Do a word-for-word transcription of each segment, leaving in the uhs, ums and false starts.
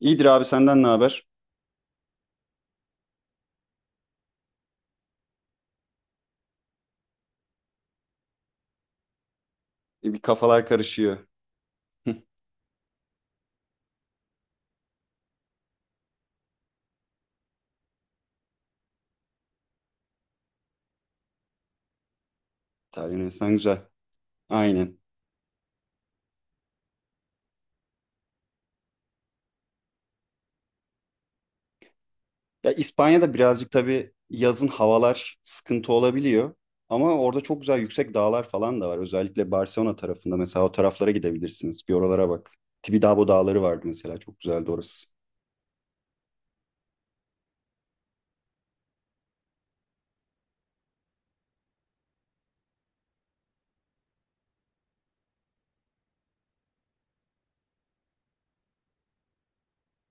İyidir abi senden ne haber? E, bir kafalar karışıyor. Hı. İtalya Yunanistan güzel. Aynen. Ya İspanya'da birazcık tabii yazın havalar sıkıntı olabiliyor. Ama orada çok güzel yüksek dağlar falan da var. Özellikle Barcelona tarafında mesela o taraflara gidebilirsiniz. Bir oralara bak. Tibidabo dağları vardı mesela. Çok güzeldi orası.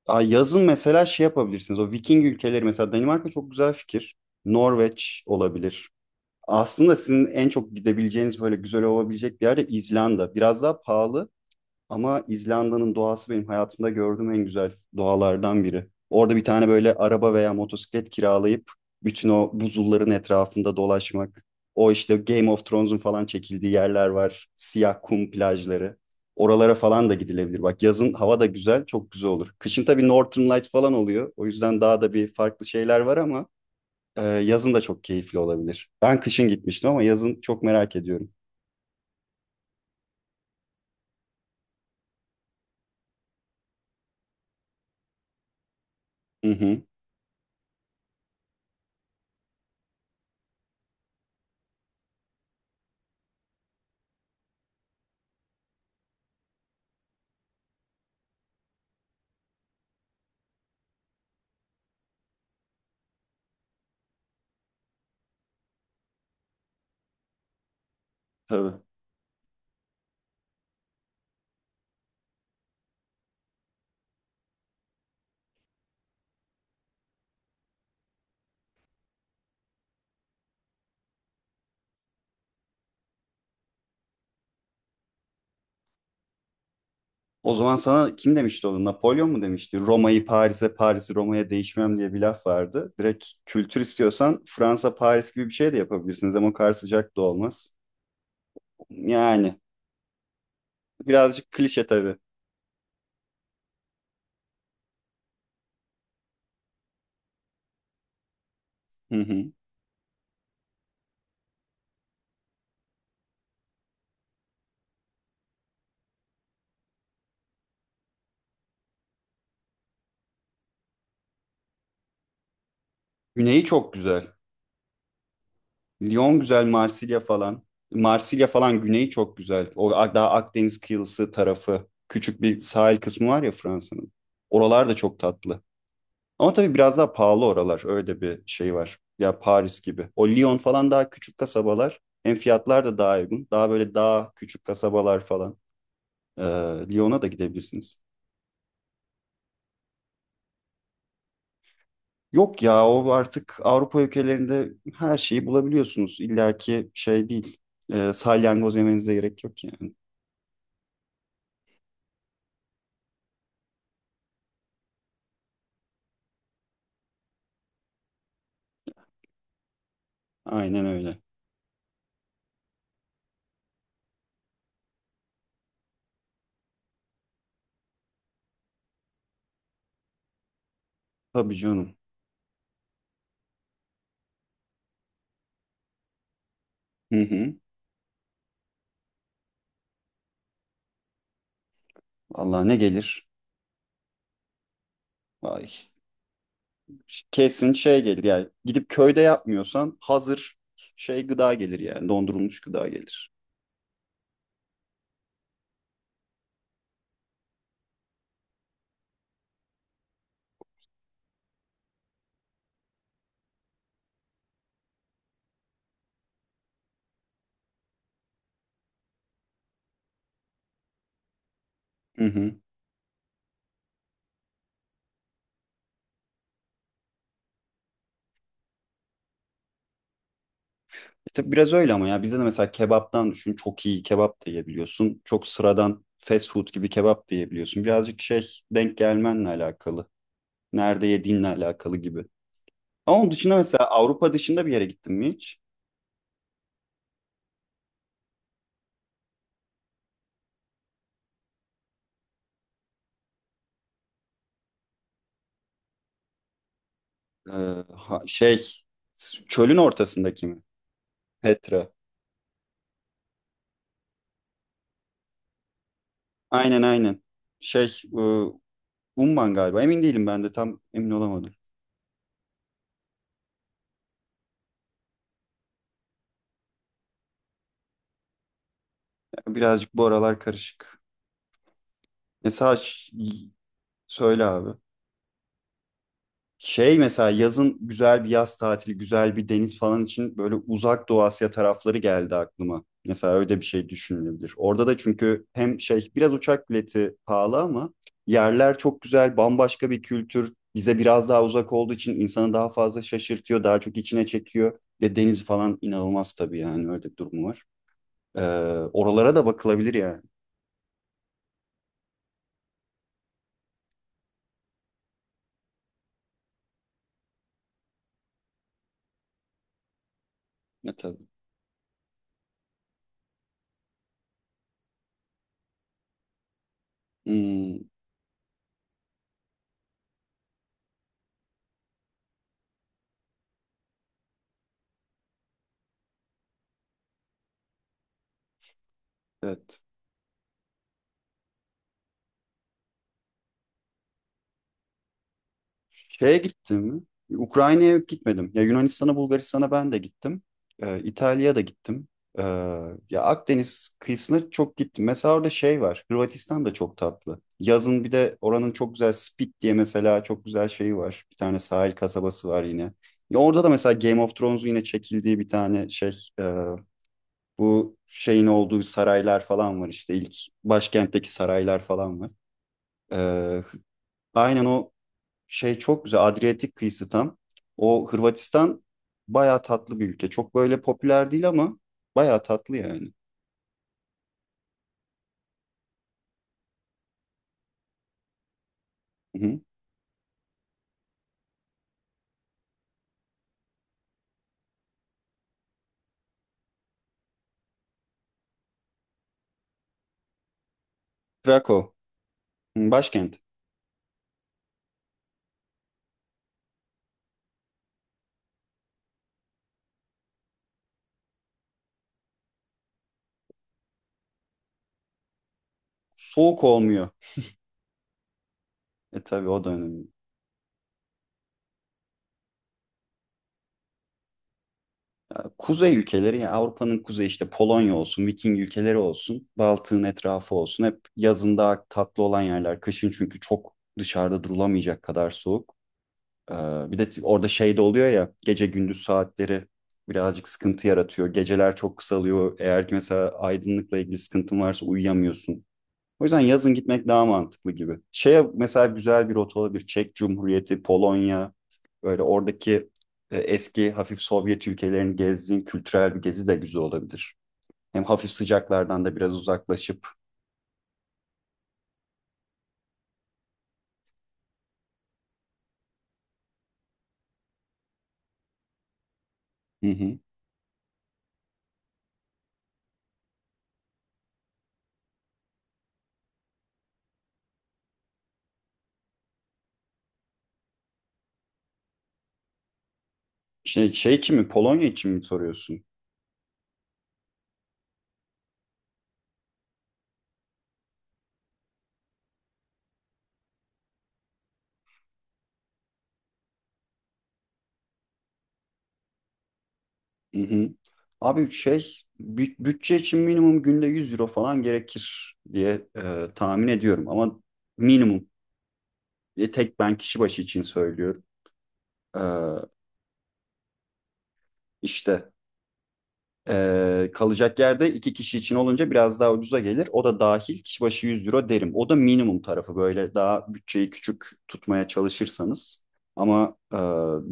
Aa, yazın mesela şey yapabilirsiniz. O Viking ülkeleri mesela Danimarka çok güzel fikir. Norveç olabilir. Aslında sizin en çok gidebileceğiniz böyle güzel olabilecek bir yer de İzlanda. Biraz daha pahalı. Ama İzlanda'nın doğası benim hayatımda gördüğüm en güzel doğalardan biri. Orada bir tane böyle araba veya motosiklet kiralayıp bütün o buzulların etrafında dolaşmak. O işte Game of Thrones'un falan çekildiği yerler var. Siyah kum plajları. Oralara falan da gidilebilir. Bak yazın hava da güzel, çok güzel olur. Kışın tabii Northern Light falan oluyor. O yüzden daha da bir farklı şeyler var ama e, yazın da çok keyifli olabilir. Ben kışın gitmiştim ama yazın çok merak ediyorum. Hı hı, tabii. O zaman sana kim demişti onu? Napolyon mu demişti? Roma'yı Paris'e, Paris'i Roma'ya değişmem diye bir laf vardı. Direkt kültür istiyorsan Fransa, Paris gibi bir şey de yapabilirsiniz ama o kadar sıcak da olmaz. Yani birazcık klişe tabii. Hı hı. Güneyi çok güzel. Lyon güzel, Marsilya falan. Marsilya falan güneyi çok güzel. O a- daha Akdeniz kıyısı tarafı. Küçük bir sahil kısmı var ya Fransa'nın. Oralar da çok tatlı. Ama tabii biraz daha pahalı oralar. Öyle bir şey var. Ya Paris gibi. O Lyon falan daha küçük kasabalar. Hem fiyatlar da daha uygun. Daha böyle daha küçük kasabalar falan. Ee, Lyon'a da gidebilirsiniz. Yok ya o artık Avrupa ülkelerinde her şeyi bulabiliyorsunuz. İlla ki şey değil. E, salyangoz yemenize gerek yok yani. Aynen öyle. Tabii canım. Hı hı. Valla ne gelir? Vay. Kesin şey gelir yani. Gidip köyde yapmıyorsan hazır şey gıda gelir yani. Dondurulmuş gıda gelir. Hı hı. E tabii biraz öyle ama ya bizde de mesela kebaptan düşün çok iyi kebap da yiyebiliyorsun. Çok sıradan fast food gibi kebap da yiyebiliyorsun. Birazcık şey denk gelmenle alakalı. Nerede yediğinle alakalı gibi. Ama onun dışında mesela Avrupa dışında bir yere gittin mi hiç? Ee, ha- şey s- çölün ortasındaki mi? Petra. Aynen aynen. Şey e, Umman galiba emin değilim ben de tam emin olamadım. Ya Birazcık bu aralar karışık. Mesela ş- söyle abi. Şey mesela yazın güzel bir yaz tatili, güzel bir deniz falan için böyle uzak Doğu Asya tarafları geldi aklıma. Mesela öyle bir şey düşünülebilir. Orada da çünkü hem şey biraz uçak bileti pahalı ama yerler çok güzel, bambaşka bir kültür. Bize biraz daha uzak olduğu için insanı daha fazla şaşırtıyor, daha çok içine çekiyor. Ve deniz falan inanılmaz tabii yani öyle bir durumu var. Ee, oralara da bakılabilir yani. Ya tabii. Hmm, evet. Şeye gittim. Ukrayna'ya gitmedim. Ya Yunanistan'a, Bulgaristan'a ben de gittim. Ee, İtalya'ya da gittim. Ee, ya Akdeniz kıyısına çok gittim. Mesela orada şey var. Hırvatistan da çok tatlı. Yazın bir de oranın çok güzel Split diye mesela çok güzel şeyi var. Bir tane sahil kasabası var yine. Ya orada da mesela Game of Thrones'un yine çekildiği bir tane şey e, bu şeyin olduğu saraylar falan var işte İlk başkentteki saraylar falan var. Ee, Aynen o şey çok güzel Adriyatik kıyısı tam. O Hırvatistan bayağı tatlı bir ülke. Çok böyle popüler değil ama bayağı tatlı yani. Hı hı. Krakow, hı, başkent. Soğuk olmuyor. E tabii o da önemli. Ya, kuzey ülkeleri ya Avrupa'nın kuzeyi işte Polonya olsun, Viking ülkeleri olsun, Baltık'ın etrafı olsun. Hep yazın daha tatlı olan yerler. Kışın çünkü çok dışarıda durulamayacak kadar soğuk. Ee, bir de orada şey de oluyor ya gece gündüz saatleri birazcık sıkıntı yaratıyor. Geceler çok kısalıyor. Eğer ki mesela aydınlıkla ilgili sıkıntın varsa uyuyamıyorsun. O yüzden yazın gitmek daha mantıklı gibi. Şeye mesela güzel bir rota olabilir. Çek Cumhuriyeti, Polonya, böyle oradaki e, eski hafif Sovyet ülkelerini gezdiğin kültürel bir gezi de güzel olabilir. Hem hafif sıcaklardan da biraz uzaklaşıp. Hı hı. Şey, şey için mi Polonya için mi soruyorsun? Hı hı. Abi şey bü- bütçe için minimum günde yüz euro falan gerekir diye e, tahmin ediyorum ama minimum. E, tek ben kişi başı için söylüyorum. E, işte e, kalacak yerde iki kişi için olunca biraz daha ucuza gelir. O da dahil kişi başı yüz euro derim. O da minimum tarafı böyle daha bütçeyi küçük tutmaya çalışırsanız ama e,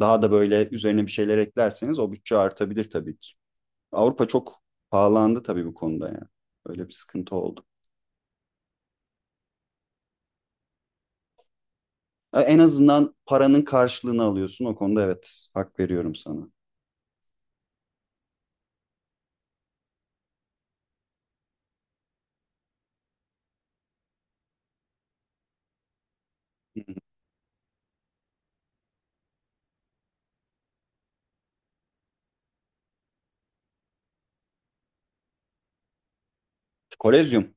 daha da böyle üzerine bir şeyler eklerseniz o bütçe artabilir tabii ki. Avrupa çok pahalandı tabii bu konuda yani. Öyle bir sıkıntı oldu. E, En azından paranın karşılığını alıyorsun. O konuda evet hak veriyorum sana. Hı hı. Kolezyum.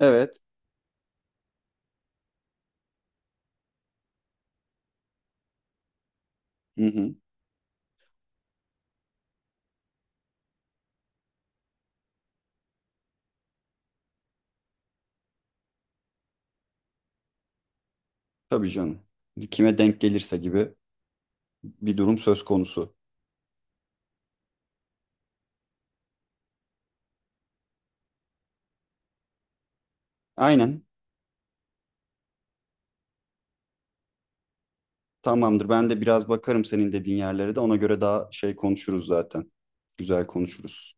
Evet. Hı hı. Tabii canım. Kime denk gelirse gibi bir durum söz konusu. Aynen. Tamamdır. Ben de biraz bakarım senin dediğin yerlere de. Ona göre daha şey konuşuruz zaten. Güzel konuşuruz.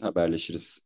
Haberleşiriz.